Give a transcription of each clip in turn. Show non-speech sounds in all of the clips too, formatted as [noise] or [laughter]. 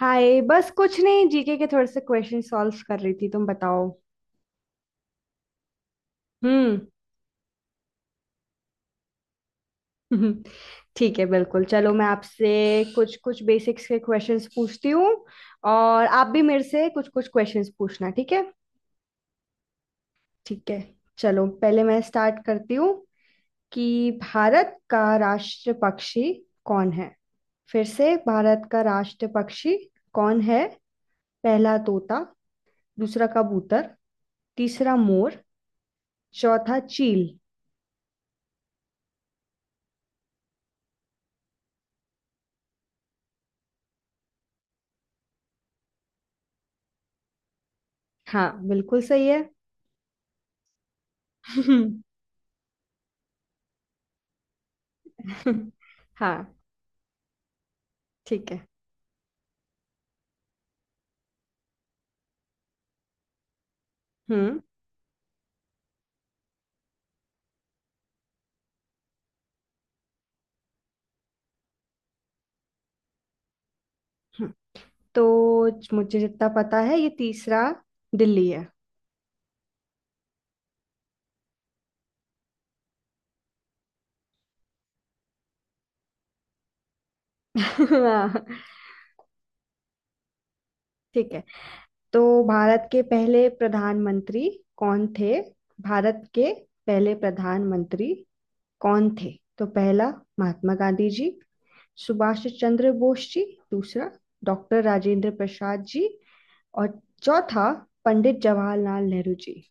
हाय, बस कुछ नहीं, जीके के थोड़े से क्वेश्चन सॉल्व कर रही थी। तुम बताओ। हम्म [laughs] ठीक है, बिल्कुल। चलो, मैं आपसे कुछ कुछ बेसिक्स के क्वेश्चंस पूछती हूँ। और आप भी मेरे से कुछ कुछ क्वेश्चंस पूछना, ठीक है? ठीक है। चलो, पहले मैं स्टार्ट करती हूँ कि भारत का राष्ट्र पक्षी कौन है? फिर से, भारत का राष्ट्र पक्षी कौन है? पहला तोता, दूसरा कबूतर, तीसरा मोर, चौथा चील। हाँ, बिल्कुल सही है। हम्म। [laughs] हाँ, ठीक है। हम्म। हम्म। तो मुझे जितना पता है ये तीसरा दिल्ली है। [laughs] हाँ, ठीक है। तो भारत के पहले प्रधानमंत्री कौन थे? भारत के पहले प्रधानमंत्री कौन थे? तो पहला महात्मा गांधी जी, सुभाष चंद्र बोस जी, दूसरा डॉक्टर राजेंद्र प्रसाद जी, और चौथा पंडित जवाहरलाल नेहरू जी।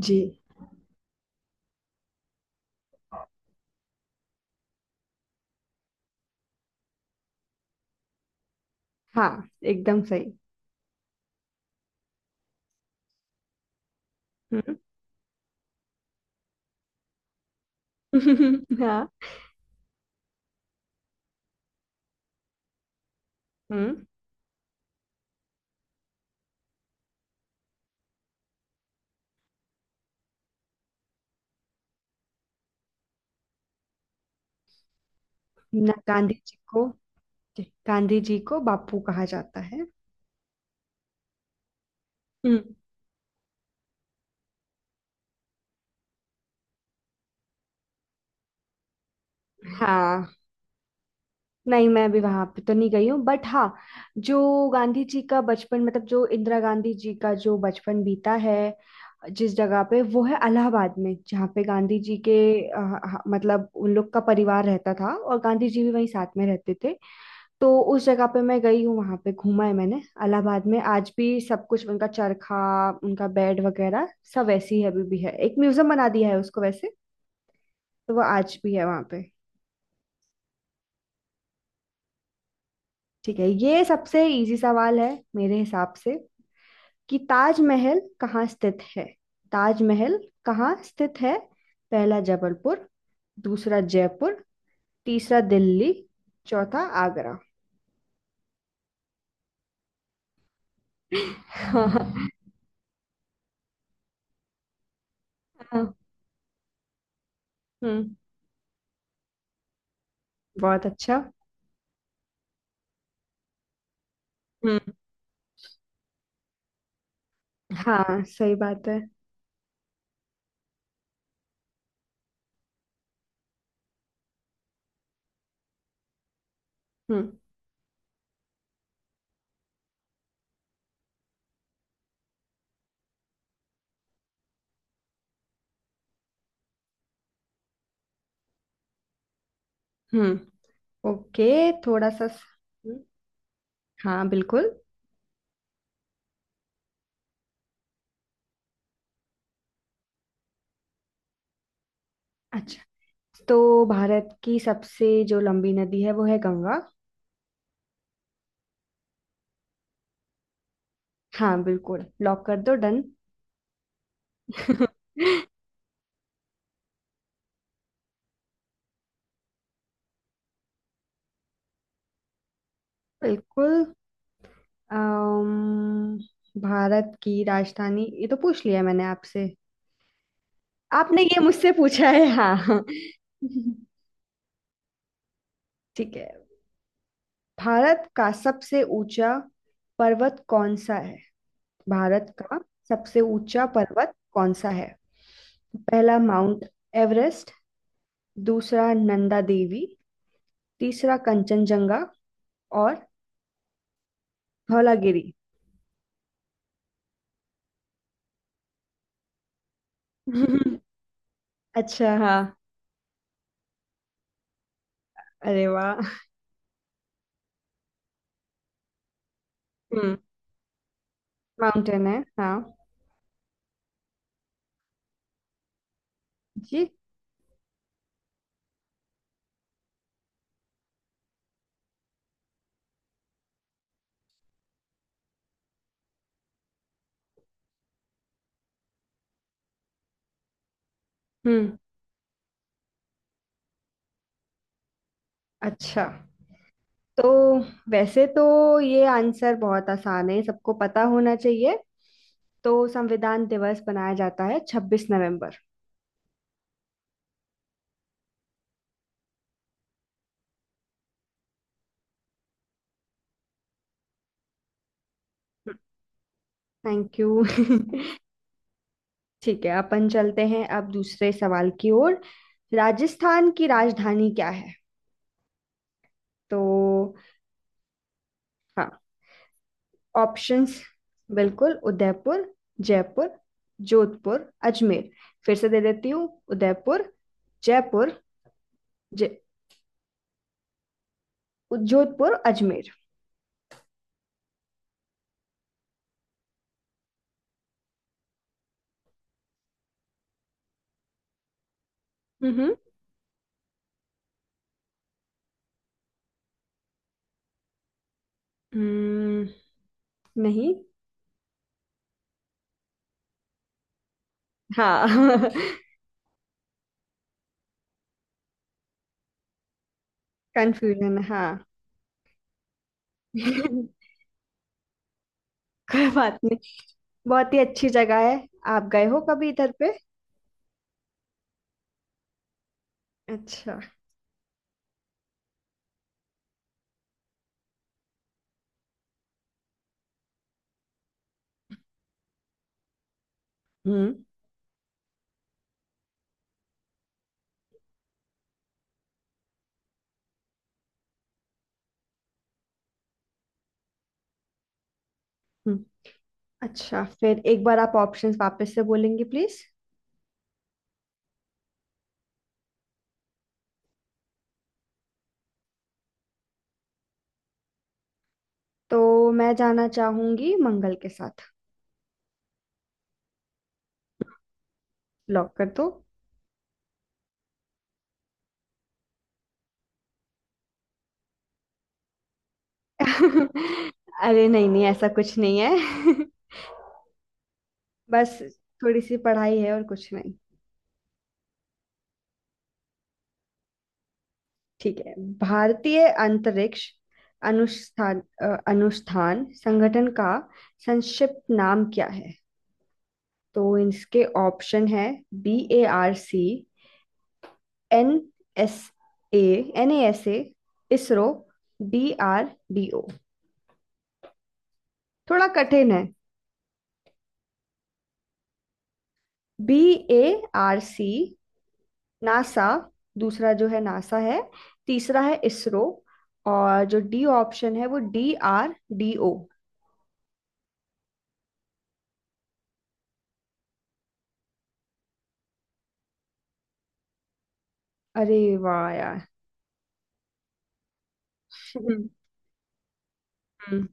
जी। हाँ, एकदम सही। हम्म [laughs] हाँ। हम्म ना, गांधी जी को, गांधी जी को बापू कहा जाता है। हम्म। हाँ, नहीं मैं भी वहां पे तो नहीं गई हूँ, बट हाँ, जो गांधी जी का बचपन, मतलब जो इंदिरा गांधी जी का जो बचपन बीता है जिस जगह पे, वो है इलाहाबाद में, जहाँ पे गांधी जी के अ, मतलब उन लोग का परिवार रहता था और गांधी जी भी वहीं साथ में रहते थे। तो उस जगह पे मैं गई हूँ, वहां पे घूमा है मैंने। इलाहाबाद में आज भी सब कुछ, उनका चरखा, उनका बेड वगैरह सब वैसे ही अभी भी है। एक म्यूजियम बना दिया है उसको वैसे। तो वो आज भी है वहां पे। ठीक है, ये सबसे इजी सवाल है मेरे हिसाब से, कि ताजमहल कहाँ स्थित है? ताजमहल कहाँ स्थित है? पहला जबलपुर, दूसरा जयपुर, तीसरा दिल्ली, चौथा आगरा। [laughs] हाँ। हम्म बहुत अच्छा। हम्म। हाँ, सही बात है। हम्म। हम्म। ओके। थोड़ा सा हम्म, हाँ, बिल्कुल। अच्छा, तो भारत की सबसे जो लंबी नदी है वो है गंगा। हाँ, बिल्कुल लॉक कर दो, डन। [laughs] बिल्कुल। अम, भारत की राजधानी ये तो पूछ लिया मैंने आपसे। आपने ये मुझसे पूछा है, हाँ। [laughs] ठीक है। भारत का सबसे ऊंचा पर्वत कौन सा है? भारत का सबसे ऊंचा पर्वत कौन सा है? पहला माउंट एवरेस्ट, दूसरा नंदा देवी, तीसरा कंचनजंगा, और धौलागिरी। [laughs] अच्छा, हाँ। अरे वाह। हम्म माउंटेन है, हाँ। जी। हम्म। अच्छा, तो वैसे तो ये आंसर बहुत आसान है, सबको पता होना चाहिए। तो संविधान दिवस मनाया जाता है 26 नवंबर। Thank you. [laughs] ठीक है, अपन चलते हैं अब दूसरे सवाल की ओर। राजस्थान की राजधानी क्या है? तो हाँ, ऑप्शंस, बिल्कुल। उदयपुर, जयपुर, जोधपुर, अजमेर। फिर से दे देती हूँ। उदयपुर, जयपुर, जय जोधपुर, अजमेर। हम्म। हम्म, नहीं। हाँ। [laughs] कंफ्यूजन, हाँ। [laughs] कोई बात नहीं। बहुत ही अच्छी जगह है। आप गए हो कभी इधर पे? अच्छा। हम्म। अच्छा, फिर एक बार आप ऑप्शंस वापस से बोलेंगे प्लीज। तो मैं जाना चाहूंगी मंगल के साथ। लॉक कर दो। [laughs] अरे नहीं नहीं, ऐसा कुछ नहीं है। [laughs] बस, थोड़ी सी पढ़ाई है और कुछ नहीं। ठीक है। भारतीय अंतरिक्ष अनुष्ठान, अनुष्ठान संगठन का संक्षिप्त नाम क्या है? तो इसके ऑप्शन है, BARC, NSA, NASA, ISRO, BRD। थोड़ा कठिन है। BARC, नासा, दूसरा जो है नासा है, तीसरा है इसरो, और जो डी ऑप्शन है वो DRDO। अरे वाह यार। हम्म। हम्म।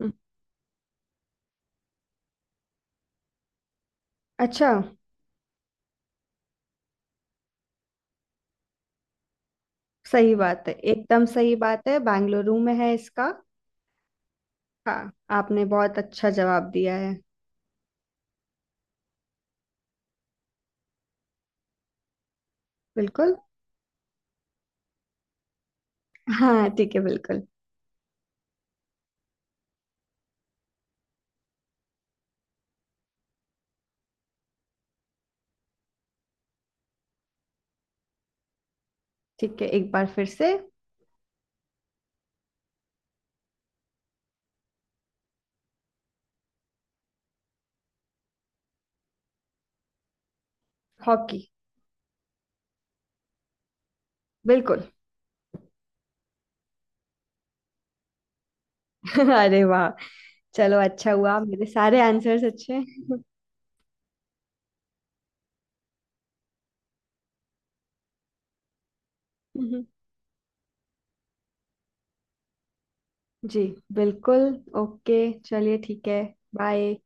हम्म। अच्छा। सही बात है, एकदम सही बात है, बेंगलुरु में है इसका। हाँ। आपने बहुत अच्छा जवाब दिया है। बिल्कुल। हाँ ठीक है, बिल्कुल। ठीक है, एक बार फिर से। हॉकी। बिल्कुल। [laughs] अरे वाह, चलो अच्छा हुआ, मेरे सारे आंसर्स अच्छे हैं। [laughs] जी, बिल्कुल। ओके, चलिए ठीक है। बाय।